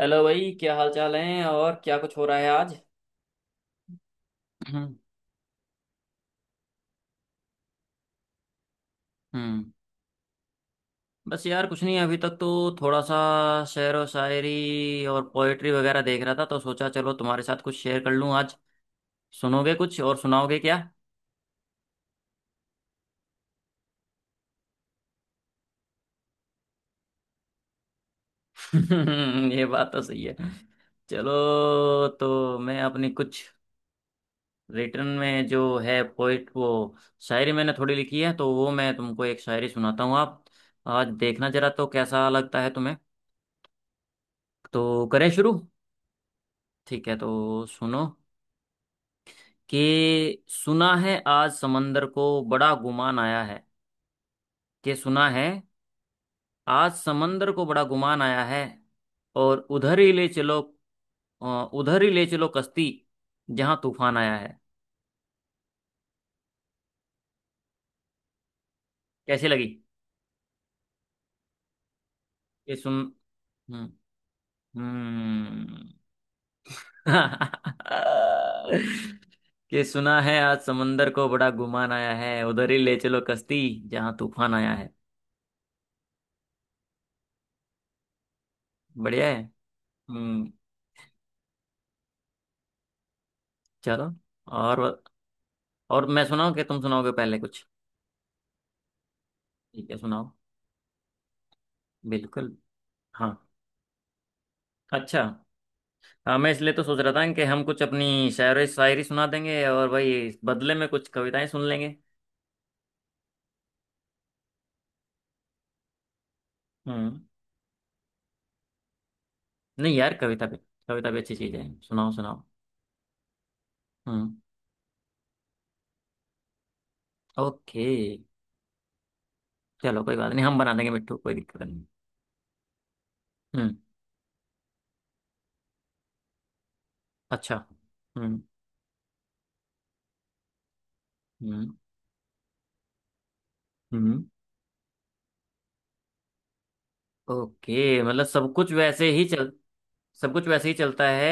Hello भाई, क्या हाल चाल है और क्या कुछ हो रहा है आज? हम्म। हम्म। बस यार कुछ नहीं अभी तक तो। थोड़ा सा शेर और शायरी और पोएट्री वगैरह देख रहा था तो सोचा चलो तुम्हारे साथ कुछ शेयर कर लूं आज। सुनोगे कुछ और सुनाओगे क्या? ये बात तो सही है। चलो। तो मैं अपनी कुछ रिटर्न में जो है पोइट वो शायरी मैंने थोड़ी लिखी है तो वो मैं तुमको एक शायरी सुनाता हूँ। आप आज देखना जरा तो कैसा लगता है तुम्हें। तो करें शुरू? ठीक है तो सुनो। कि सुना है आज समंदर को बड़ा गुमान आया है। कि सुना है आज समंदर को बड़ा गुमान आया है और उधर ही ले चलो। अ, उधर ही ले चलो कश्ती जहां तूफान आया है। कैसी लगी? ये सुन। हम्म। हम्म। कि सुना है आज समंदर को बड़ा गुमान आया है उधर ही ले चलो कश्ती जहां तूफान आया है। बढ़िया है। हम्म। चलो। और और मैं सुनाऊं कि तुम सुनाओगे पहले कुछ? ठीक है सुनाओ। बिल्कुल। हाँ। अच्छा। हाँ मैं इसलिए तो सोच रहा था कि हम कुछ अपनी शायरी शायरी सुना देंगे और भाई इस बदले में कुछ कविताएं सुन लेंगे। हम्म। नहीं यार, कविता भी अच्छी चीज है, सुनाओ सुनाओ। हम्म। ओके। चलो कोई बात नहीं, हम बना देंगे मिट्टू, कोई दिक्कत नहीं। हम्म। अच्छा। हम्म। हम्म। हम्म। ओके मतलब सब कुछ वैसे ही चल। सब कुछ वैसे ही चलता है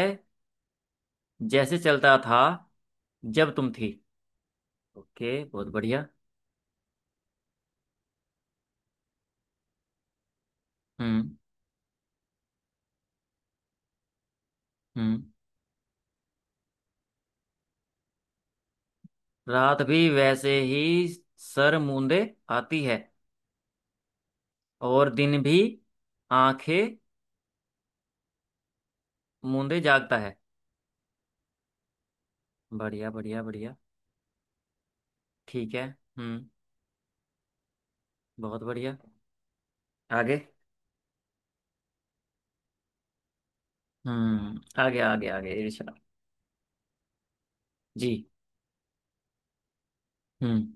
जैसे चलता था जब तुम थी। ओके बहुत बढ़िया। हम्म। हम्म। रात भी वैसे ही सर मूंदे आती है और दिन भी आंखें मूंदे जागता है। बढ़िया बढ़िया बढ़िया। ठीक है। हम्म। बहुत बढ़िया। आगे। हम्म। आगे आगे आगे इरशाद। जी। हम्म।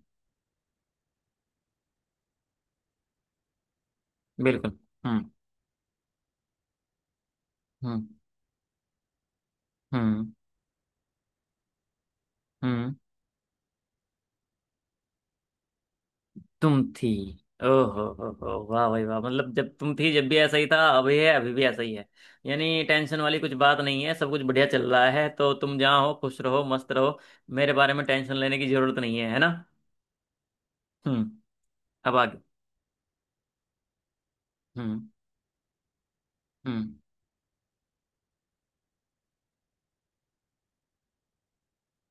बिल्कुल। हम्म। हम्म। हम्म। हम्म। तुम थी। ओहो हो वाह भाई वाह, मतलब जब तुम थी जब भी ऐसा ही था, अभी है, अभी भी ऐसा ही है। यानी टेंशन वाली कुछ बात नहीं है, सब कुछ बढ़िया चल रहा है, तो तुम जहाँ हो खुश रहो मस्त रहो। मेरे बारे में टेंशन लेने की जरूरत नहीं है, है ना? हम्म। अब आगे। हम्म। हम्म।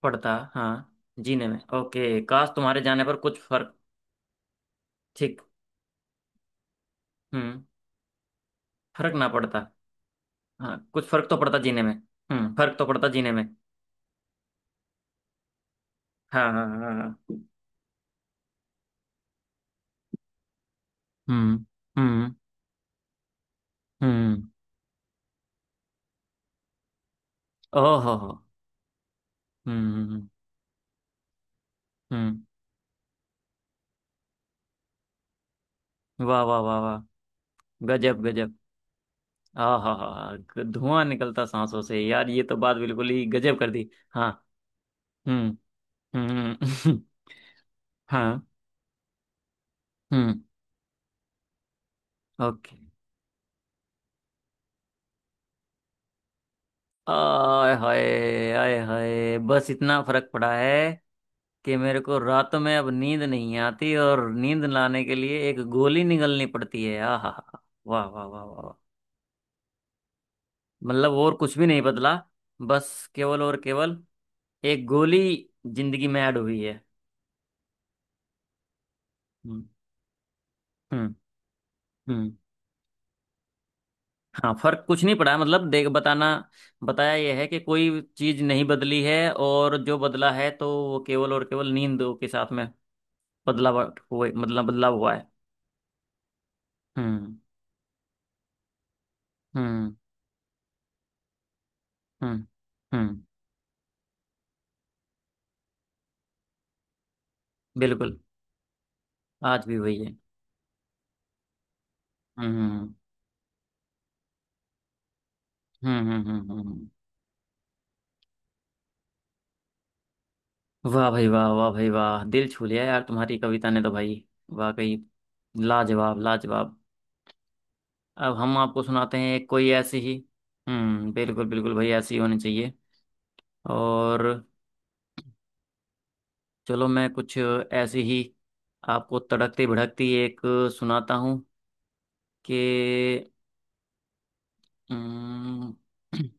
पड़ता हाँ। जीने में, ओके, काश तुम्हारे जाने पर कुछ फर्क। ठीक। हम्म। फर्क ना पड़ता। हाँ कुछ फर्क तो पड़ता जीने में। हम्म। फर्क तो पड़ता जीने में। हाँ हाँ हाँ हाँ। हम्म। हम्म। हम्म। ओहो हो। हम्म। हम्म। हम्म। वाह वाह वाह वाह। गजब गजब। आ हा हा, धुआं निकलता सांसों से यार, ये तो बात बिल्कुल ही गजब कर दी। हाँ। हम्म। हम्म। हाँ। हम्म। ओके। आय हाय। आय हाय बस इतना फर्क पड़ा है कि मेरे को रात में अब नींद नहीं आती और नींद लाने के लिए एक गोली निगलनी पड़ती है, आ हा हा। वाह वाह वाह वाह वाह। मतलब और कुछ भी नहीं बदला, बस केवल और केवल एक गोली जिंदगी में ऐड हुई है। हम्म। हम्म। हम्म। हाँ फर्क कुछ नहीं पड़ा मतलब, देख बताना। बताया यह है कि कोई चीज नहीं बदली है और जो बदला है तो वो केवल और केवल नींद के साथ में बदलाव हुए, मतलब बदलाव हुआ है। हम्म। हम्म। हम्म। हम्म। बिल्कुल। आज भी वही है। हम्म। हम्म। हम्म। हम्म। हम्म। वाह भाई वाह, वाह भाई वाह, दिल छू लिया यार तुम्हारी कविता ने तो भाई। वाकई, लाजवाब लाजवाब। अब हम आपको सुनाते हैं एक कोई ऐसी ही। हम्म। बिल्कुल बिल्कुल भाई, ऐसी ही होनी चाहिए। और चलो मैं कुछ ऐसी ही आपको तड़कती भड़कती एक सुनाता हूँ कि अम,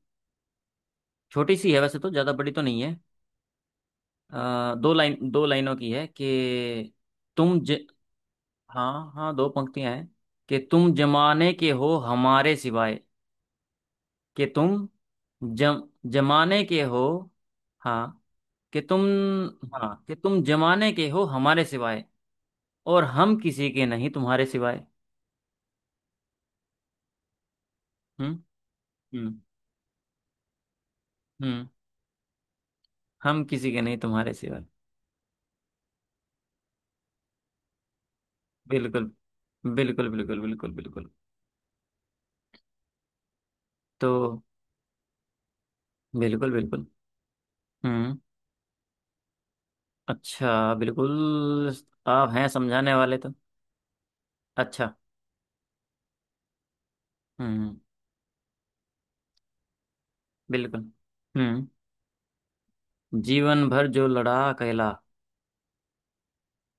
छोटी सी है, वैसे तो ज़्यादा बड़ी तो नहीं है। दो लाइनों की है कि तुम ज हाँ हाँ दो पंक्तियां हैं कि तुम जमाने के हो हमारे सिवाय। कि तुम जम जमाने के हो। हाँ। कि तुम। हाँ कि तुम जमाने के हो हमारे सिवाय और हम किसी के नहीं तुम्हारे सिवाय। हम्म। हम्म। हम्म। हम किसी के नहीं तुम्हारे सिवा। बिल्कुल बिल्कुल बिल्कुल बिल्कुल बिल्कुल। तो बिल्कुल बिल्कुल। हम्म। अच्छा। बिल्कुल। आप हैं समझाने वाले तो। अच्छा। हम्म। बिल्कुल। हम्म। जीवन भर जो लड़ा कहला।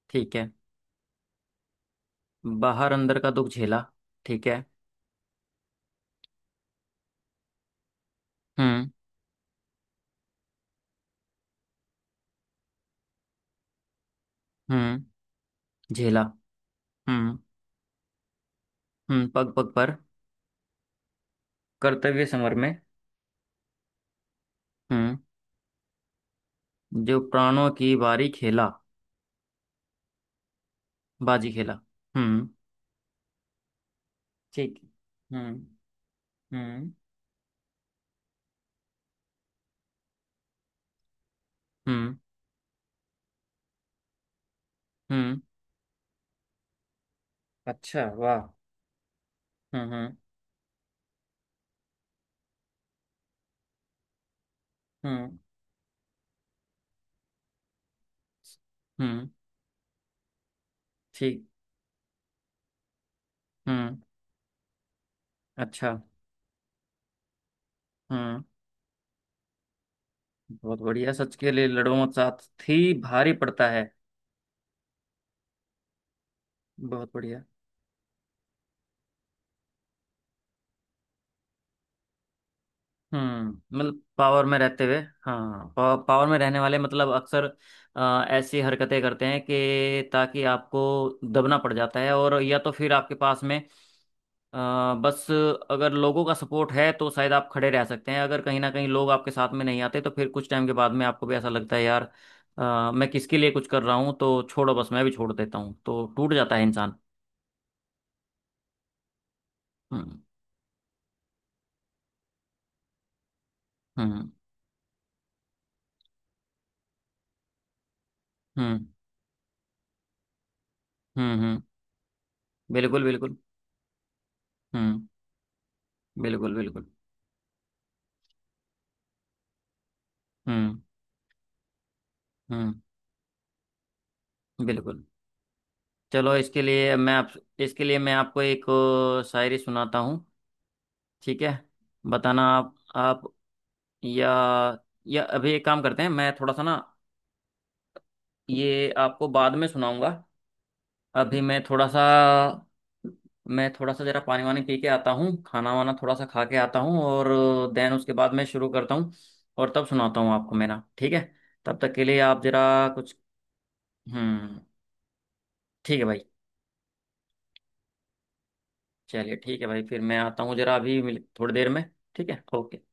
ठीक है। बाहर अंदर का दुख झेला। ठीक है। हम्म। हम्म। झेला। हम्म। हम्म। पग पग पर कर्तव्य समर में। हम्म। जो प्राणों की बारी खेला। बाजी खेला। हम्म। ठीक। हम्म। हम्म। हम्म। हम्म। अच्छा वाह। हम्म। हम्म। हम्म। हम्म। ठीक। हम्म। अच्छा। हम्म। बहुत बढ़िया, सच के लिए लड़ो मत साथ थी भारी पड़ता है। बहुत बढ़िया। हम्म। मतलब पावर में रहते हुए। हाँ, पावर पावर में रहने वाले मतलब अक्सर ऐसी हरकतें करते हैं कि ताकि आपको दबना पड़ जाता है और या तो फिर आपके पास में अ, बस, अगर लोगों का सपोर्ट है तो शायद आप खड़े रह सकते हैं। अगर कहीं ना कहीं लोग आपके साथ में नहीं आते तो फिर कुछ टाइम के बाद में आपको भी ऐसा लगता है यार, मैं किसके लिए कुछ कर रहा हूँ, तो छोड़ो, बस मैं भी छोड़ देता हूँ, तो टूट जाता है इंसान। हम्म। हम्म। हम्म। हम्म। हम्म। बिल्कुल बिल्कुल। हम्म। बिल्कुल बिल्कुल। हम्म। हम्म। बिल्कुल। चलो इसके लिए मैं आपको एक शायरी सुनाता हूँ। ठीक है। बताना आप। या या अभी एक काम करते हैं मैं थोड़ा सा ना, ये आपको बाद में सुनाऊंगा। अभी मैं थोड़ा सा। मैं थोड़ा सा जरा पानी वानी पी के आता हूँ, खाना वाना थोड़ा सा खा के आता हूँ और देन उसके बाद मैं शुरू करता हूँ और तब सुनाता हूँ आपको मेरा, ठीक है? तब तक के लिए आप जरा कुछ। हम्म। ठीक है भाई। चलिए ठीक है भाई, फिर मैं आता हूँ जरा, अभी मिल थोड़ी देर में। ठीक है। ओके।